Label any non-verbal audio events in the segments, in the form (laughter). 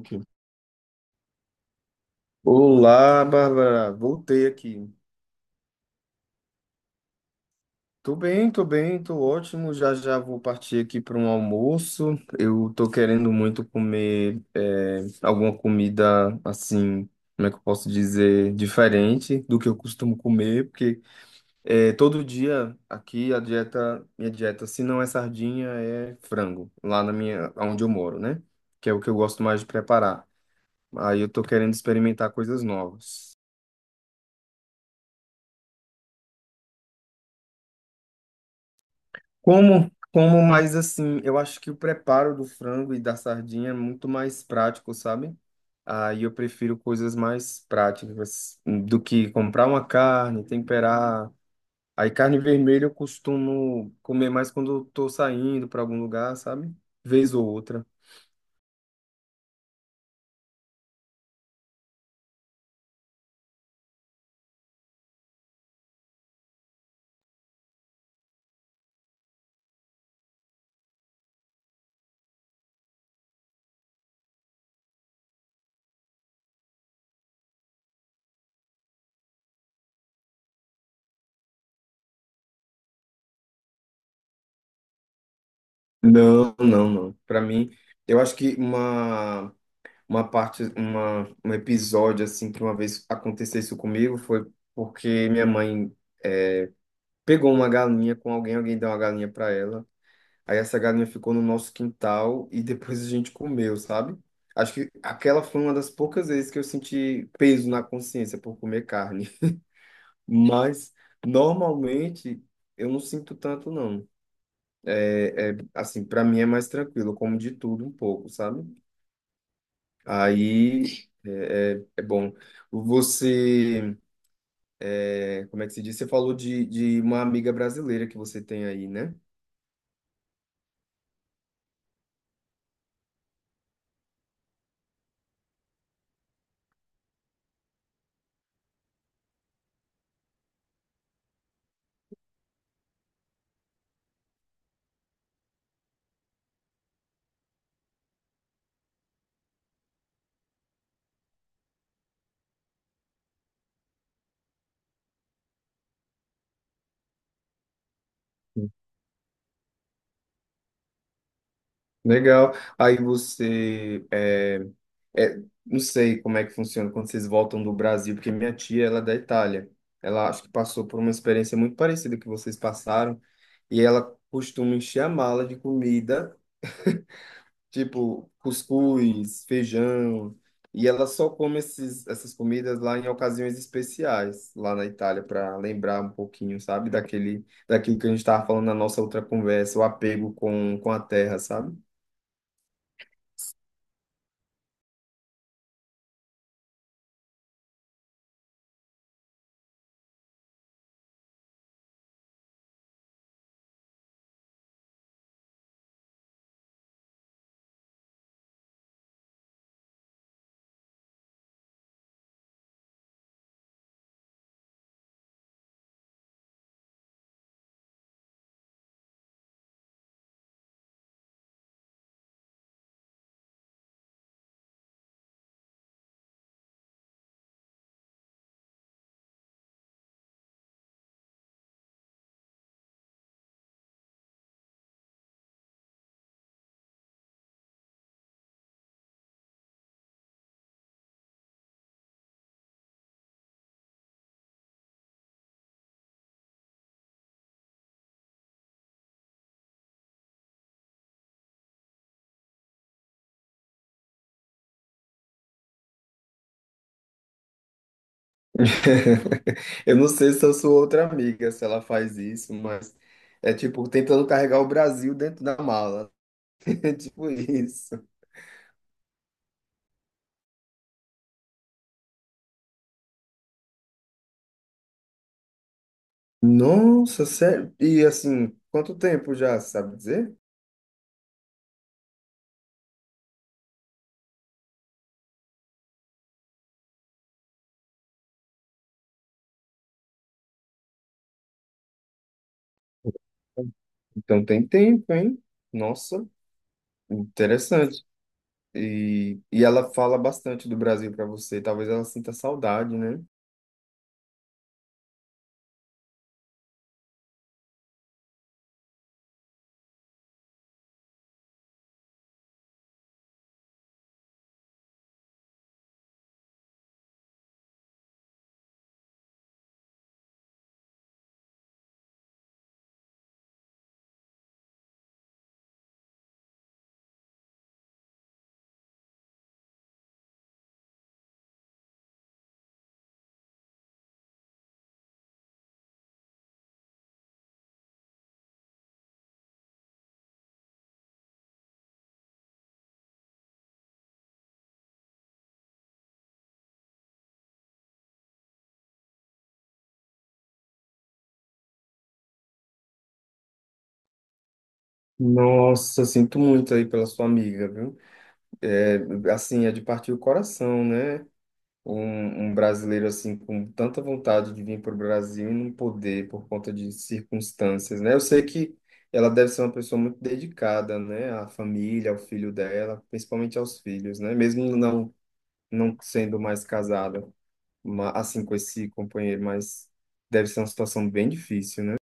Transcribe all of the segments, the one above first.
Aqui. Olá, Bárbara. Voltei aqui. Tô bem, tô bem, tô ótimo. Já já vou partir aqui para um almoço. Eu tô querendo muito comer alguma comida assim, como é que eu posso dizer, diferente do que eu costumo comer, porque todo dia aqui a dieta, minha dieta, se não é sardinha, é frango, lá na minha, onde eu moro, né? Que é o que eu gosto mais de preparar. Aí eu tô querendo experimentar coisas novas. Como, como mais assim, eu acho que o preparo do frango e da sardinha é muito mais prático, sabe? Aí eu prefiro coisas mais práticas do que comprar uma carne, temperar. Aí carne vermelha eu costumo comer mais quando eu tô saindo para algum lugar, sabe? Vez ou outra. Não, não, não. Para mim, eu acho que uma parte, uma, um episódio assim que uma vez aconteceu isso comigo foi porque minha mãe eh, pegou uma galinha com alguém, alguém deu uma galinha para ela. Aí essa galinha ficou no nosso quintal e depois a gente comeu, sabe? Acho que aquela foi uma das poucas vezes que eu senti peso na consciência por comer carne. (laughs) Mas normalmente eu não sinto tanto, não. É, é, assim, para mim é mais tranquilo, eu como de tudo um pouco, sabe? Aí é, é, é bom. Você, é, como é que se diz? Você falou de uma amiga brasileira que você tem aí, né? Legal. Aí você, é, é, não sei como é que funciona quando vocês voltam do Brasil, porque minha tia, ela é da Itália. Ela acho que passou por uma experiência muito parecida que vocês passaram, e ela costuma encher a mala de comida, tipo cuscuz, feijão, e ela só come esses, essas comidas lá em ocasiões especiais, lá na Itália, para lembrar um pouquinho, sabe, daquele, daquilo que a gente estava falando na nossa outra conversa, o apego com a terra, sabe? (laughs) Eu não sei se eu sou outra amiga, se ela faz isso, mas é tipo tentando carregar o Brasil dentro da mala. (laughs) É tipo isso. Nossa, sério? E assim, quanto tempo já, sabe dizer? Então tem tempo, hein? Nossa, interessante. E ela fala bastante do Brasil para você. Talvez ela sinta saudade, né? Nossa, sinto muito aí pela sua amiga, viu? É, assim, é de partir o coração, né? Um brasileiro assim com tanta vontade de vir para o Brasil e não poder por conta de circunstâncias, né? Eu sei que ela deve ser uma pessoa muito dedicada, né, à família, ao filho dela, principalmente aos filhos, né? Mesmo não sendo mais casada, assim com esse companheiro, mas deve ser uma situação bem difícil, né?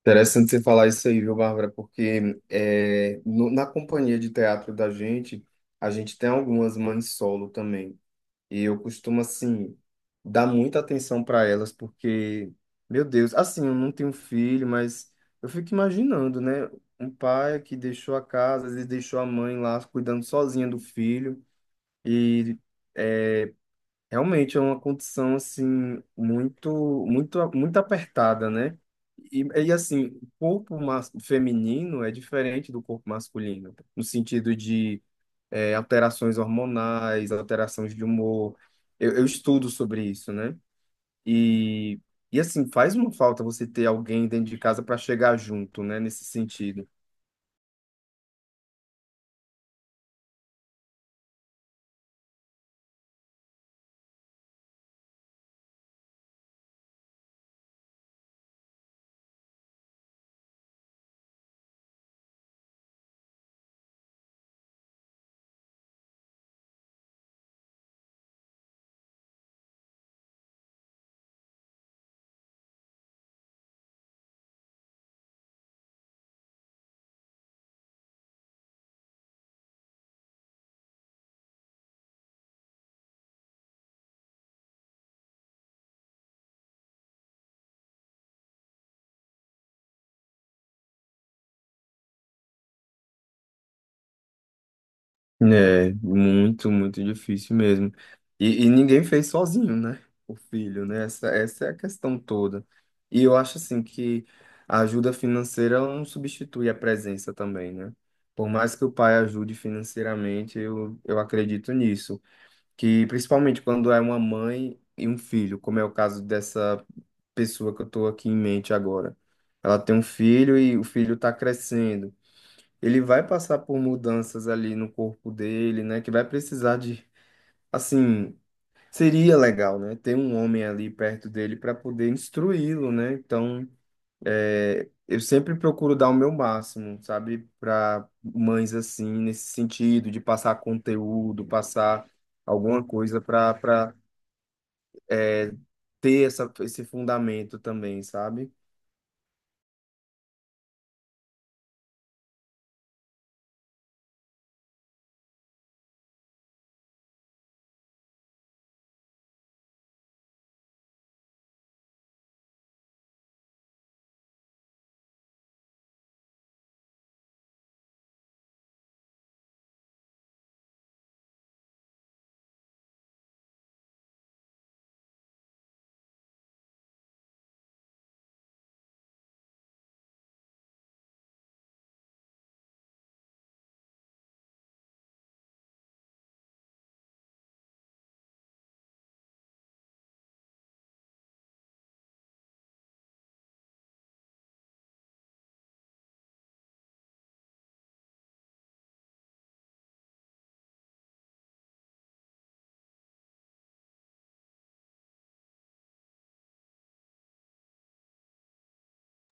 Interessante você falar isso aí, viu, Bárbara? Porque é, na companhia de teatro da gente, a gente tem algumas mães solo também. E eu costumo, assim, dar muita atenção para elas, porque, meu Deus, assim, eu não tenho filho, mas eu fico imaginando, né? Um pai que deixou a casa, às vezes deixou a mãe lá cuidando sozinha do filho. E é, realmente é uma condição, assim, muito, muito, muito apertada, né? E assim, o corpo mas, feminino é diferente do corpo masculino, no sentido de alterações hormonais, alterações de humor. Eu estudo sobre isso, né? E, e assim, faz uma falta você ter alguém dentro de casa para chegar junto, né? Nesse sentido. É, muito, muito difícil mesmo. E ninguém fez sozinho, né? O filho, né? Essa é a questão toda. E eu acho assim que a ajuda financeira ela não substitui a presença também, né? Por mais que o pai ajude financeiramente, eu acredito nisso. Que principalmente quando é uma mãe e um filho, como é o caso dessa pessoa que eu estou aqui em mente agora. Ela tem um filho e o filho está crescendo. Ele vai passar por mudanças ali no corpo dele, né? Que vai precisar de, assim, seria legal, né? Ter um homem ali perto dele para poder instruí-lo, né? Então, é, eu sempre procuro dar o meu máximo, sabe? Para mães assim, nesse sentido, de passar conteúdo, passar alguma coisa para ter essa, esse fundamento também, sabe?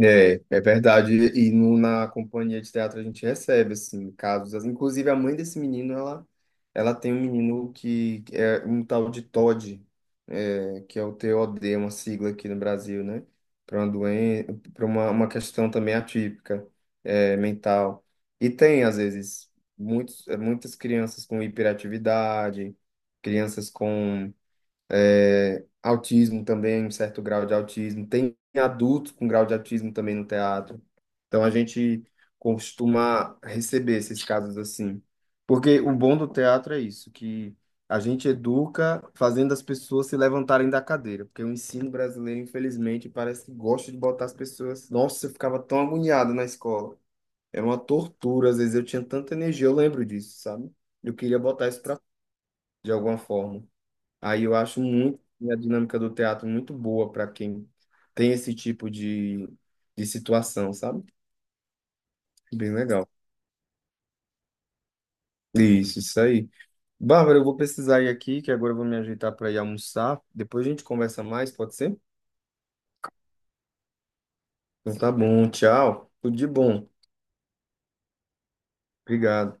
É, é verdade. E no, na companhia de teatro a gente recebe, assim, casos. Inclusive, a mãe desse menino, ela tem um menino que é um tal de TOD, é, que é o T O D uma sigla aqui no Brasil, né? Para uma doença, para uma questão também atípica, é, mental. E tem, às vezes, muitos, muitas crianças com hiperatividade, crianças com autismo também, um certo grau de autismo. Tem adultos com grau de autismo também no teatro. Então a gente costuma receber esses casos assim. Porque o bom do teatro é isso, que a gente educa fazendo as pessoas se levantarem da cadeira. Porque o ensino brasileiro, infelizmente, parece que gosta de botar as pessoas. Nossa, eu ficava tão agoniado na escola. Era uma tortura, às vezes eu tinha tanta energia, eu lembro disso, sabe? Eu queria botar isso pra de alguma forma. Aí eu acho muito a dinâmica do teatro muito boa para quem tem esse tipo de situação, sabe? Bem legal. Isso aí. Bárbara, eu vou precisar ir aqui, que agora eu vou me ajeitar para ir almoçar. Depois a gente conversa mais, pode ser? Então tá bom, tchau. Tudo de bom. Obrigado.